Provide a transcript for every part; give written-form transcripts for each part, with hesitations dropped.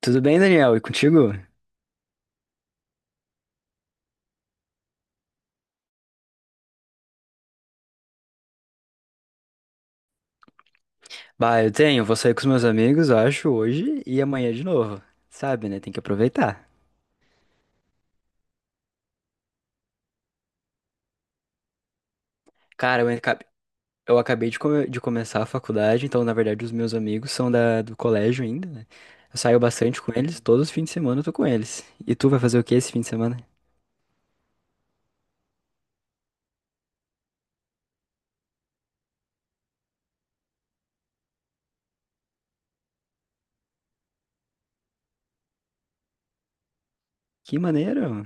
Tudo bem, Daniel? E contigo? Bah, eu tenho. Vou sair com os meus amigos, eu acho, hoje e amanhã de novo. Sabe, né? Tem que aproveitar. Cara, eu acabei de começar a faculdade, então, na verdade, os meus amigos são do colégio ainda, né? Eu saio bastante com eles, todos os fins de semana eu tô com eles. E tu vai fazer o que esse fim de semana? Que maneiro!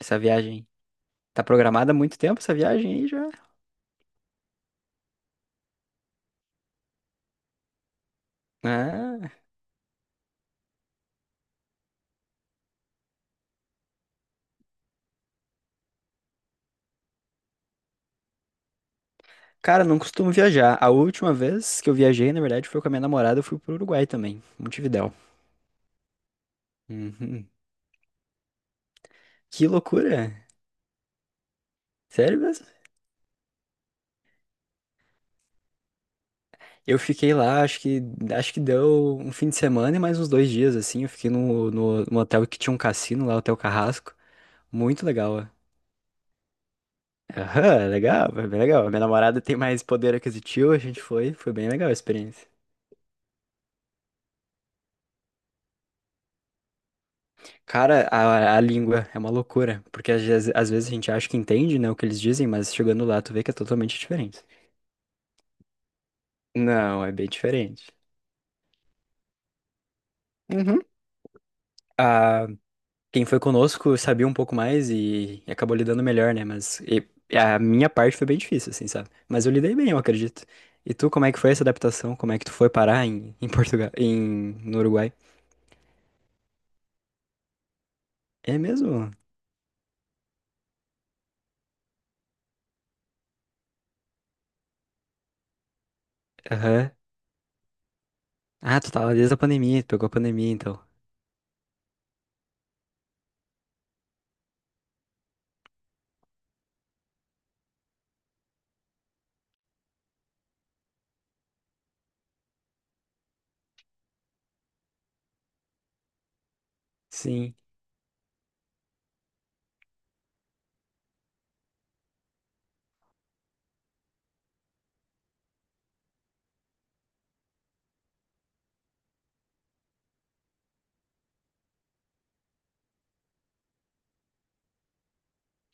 Essa viagem. Tá programada há muito tempo essa viagem aí já? Ah, cara, não costumo viajar. A última vez que eu viajei, na verdade, foi com a minha namorada, eu fui pro Uruguai também, Montevidéu. Uhum. Que loucura! Sério mesmo? Eu fiquei lá, acho que deu um fim de semana e mais uns dois dias, assim. Eu fiquei no hotel que tinha um cassino lá, Hotel Carrasco. Muito legal, ó. Aham, legal, foi bem legal. Minha namorada tem mais poder aquisitivo, a gente foi bem legal a experiência. Cara, a língua é uma loucura, porque às vezes a gente acha que entende, né, o que eles dizem, mas chegando lá tu vê que é totalmente diferente. Não, é bem diferente. Uhum. Quem foi conosco sabia um pouco mais e acabou lidando melhor, né? Mas e a minha parte foi bem difícil, assim, sabe? Mas eu lidei bem, eu acredito. E tu, como é que foi essa adaptação? Como é que tu foi parar em, em Portugal, no Uruguai? É mesmo? Aham. Ah, tu tava desde a pandemia, tu pegou a pandemia, então. Sim.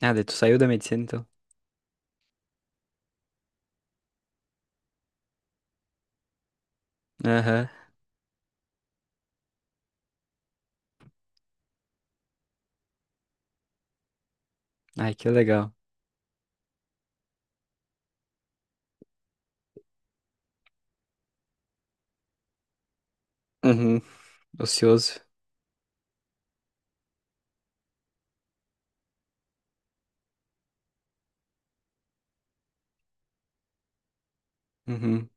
Ah, daí tu saiu da medicina, então. Aham. Ai, que legal. Uhum. Ocioso. Uhum.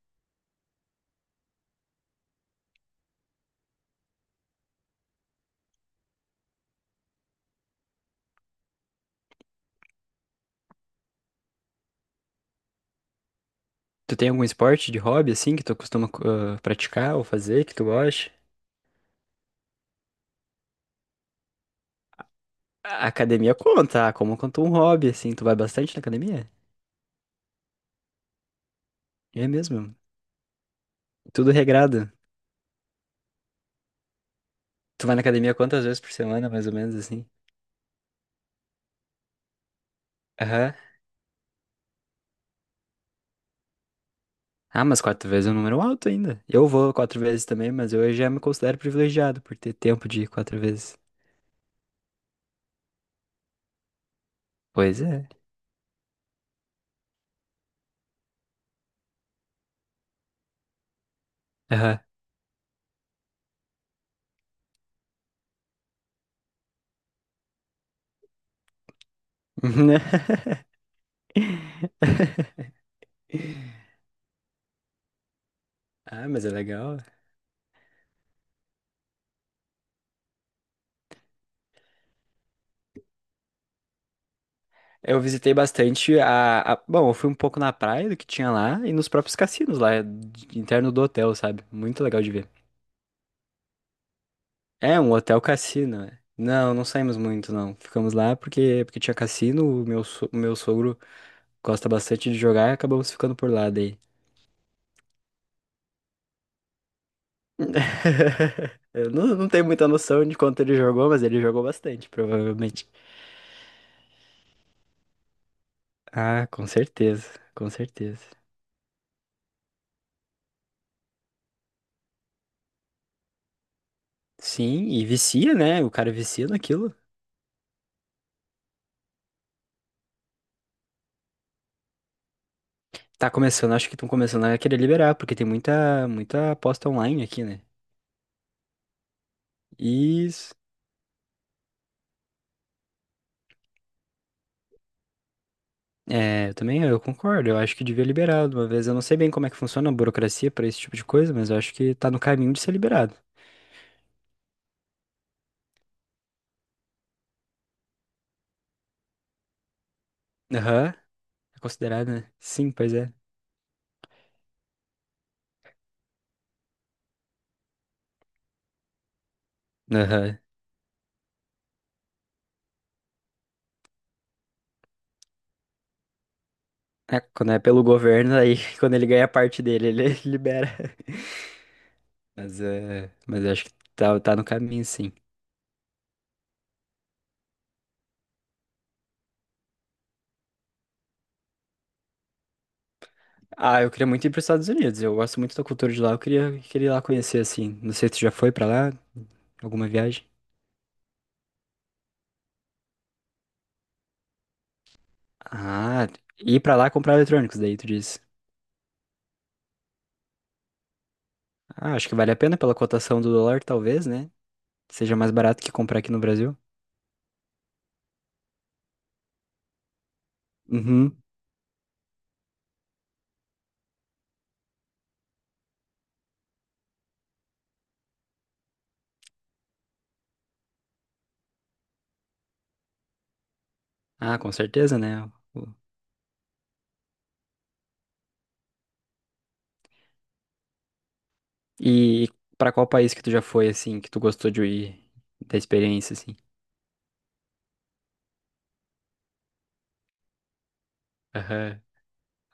Tu tem algum esporte de hobby, assim, que tu costuma praticar ou fazer, que tu gosta? A academia conta, como conta um hobby, assim. Tu vai bastante na academia? É mesmo. Tudo regrado. Tu vai na academia quantas vezes por semana, mais ou menos, assim? Aham. Ah, mas quatro vezes é um número alto ainda. Eu vou quatro vezes também, mas eu já me considero privilegiado por ter tempo de ir quatro vezes. Pois é. Aham. Ah, mas é legal. Eu visitei bastante Bom, eu fui um pouco na praia do que tinha lá e nos próprios cassinos lá, interno do hotel, sabe? Muito legal de ver. É um hotel cassino. É. Não, não saímos muito, não. Ficamos lá porque, porque tinha cassino, o meu sogro gosta bastante de jogar e acabamos ficando por lá daí. Eu não tenho muita noção de quanto ele jogou, mas ele jogou bastante, provavelmente. Ah, com certeza, com certeza. Sim, e vicia, né? O cara vicia naquilo. Tá começando, acho que estão começando a querer liberar, porque tem muita, muita aposta online aqui, né? E É, eu também eu concordo. Eu acho que devia liberar de uma vez. Eu não sei bem como é que funciona a burocracia pra esse tipo de coisa, mas eu acho que tá no caminho de ser liberado. Aham. É considerado, né? Sim, pois é. Aham. É, quando é pelo governo, aí quando ele ganha a parte dele, ele libera. Mas é. Mas eu acho que tá no caminho, sim. Ah, eu queria muito ir pros Estados Unidos. Eu gosto muito da cultura de lá. Eu queria ir lá conhecer, assim. Não sei se tu já foi pra lá? Alguma viagem? Ah, ir pra lá comprar eletrônicos, daí tu diz. Ah, acho que vale a pena pela cotação do dólar, talvez, né? Seja mais barato que comprar aqui no Brasil. Uhum. Ah, com certeza, né? O- E pra qual país que tu já foi, assim, que tu gostou de ir, da experiência, assim? Aham.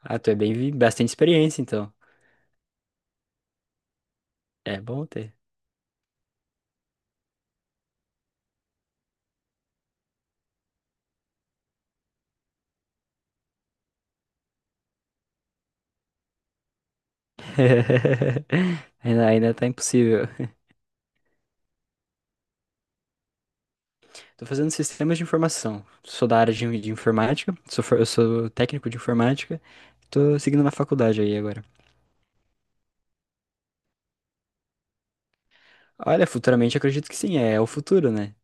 Ah, tu é bastante experiência, então. É bom ter. Ainda, ainda tá impossível. Tô fazendo sistemas de informação. Sou da área de informática, eu sou técnico de informática. Tô seguindo na faculdade aí agora. Olha, futuramente acredito que sim, é o futuro, né?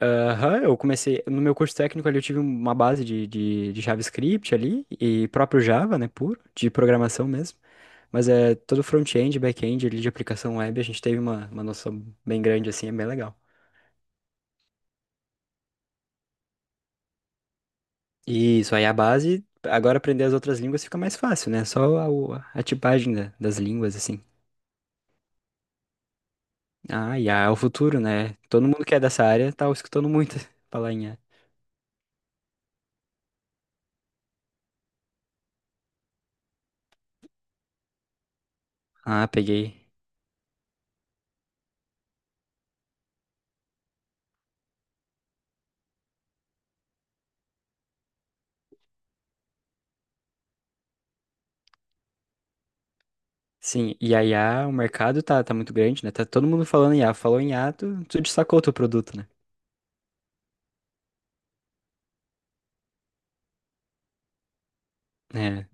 Aham, eu comecei. No meu curso técnico ali eu tive uma base de JavaScript ali, e próprio Java, né, puro, de programação mesmo. Mas é todo front-end, back-end ali de aplicação web, a gente teve uma noção bem grande assim, é bem legal. E isso aí é a base, agora aprender as outras línguas fica mais fácil, né? Só a tipagem das línguas, assim. Ah, é o futuro, né? Todo mundo que é dessa área tá escutando muito falar em IA. Ah, peguei. Sim, e a IA, o mercado tá muito grande, né? Tá todo mundo falando em IA. Falou em IA, tu destacou o teu produto, né? É.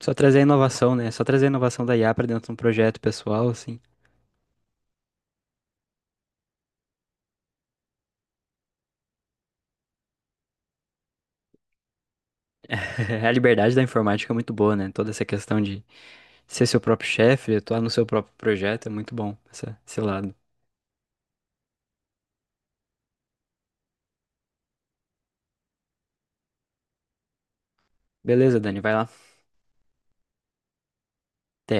Só trazer a inovação, né? Só trazer a inovação da IA pra dentro de um projeto pessoal, assim. A liberdade da informática é muito boa, né? Toda essa questão de ser seu próprio chefe, atuar no seu próprio projeto é muito bom, esse lado. Beleza, Dani, vai lá. Até.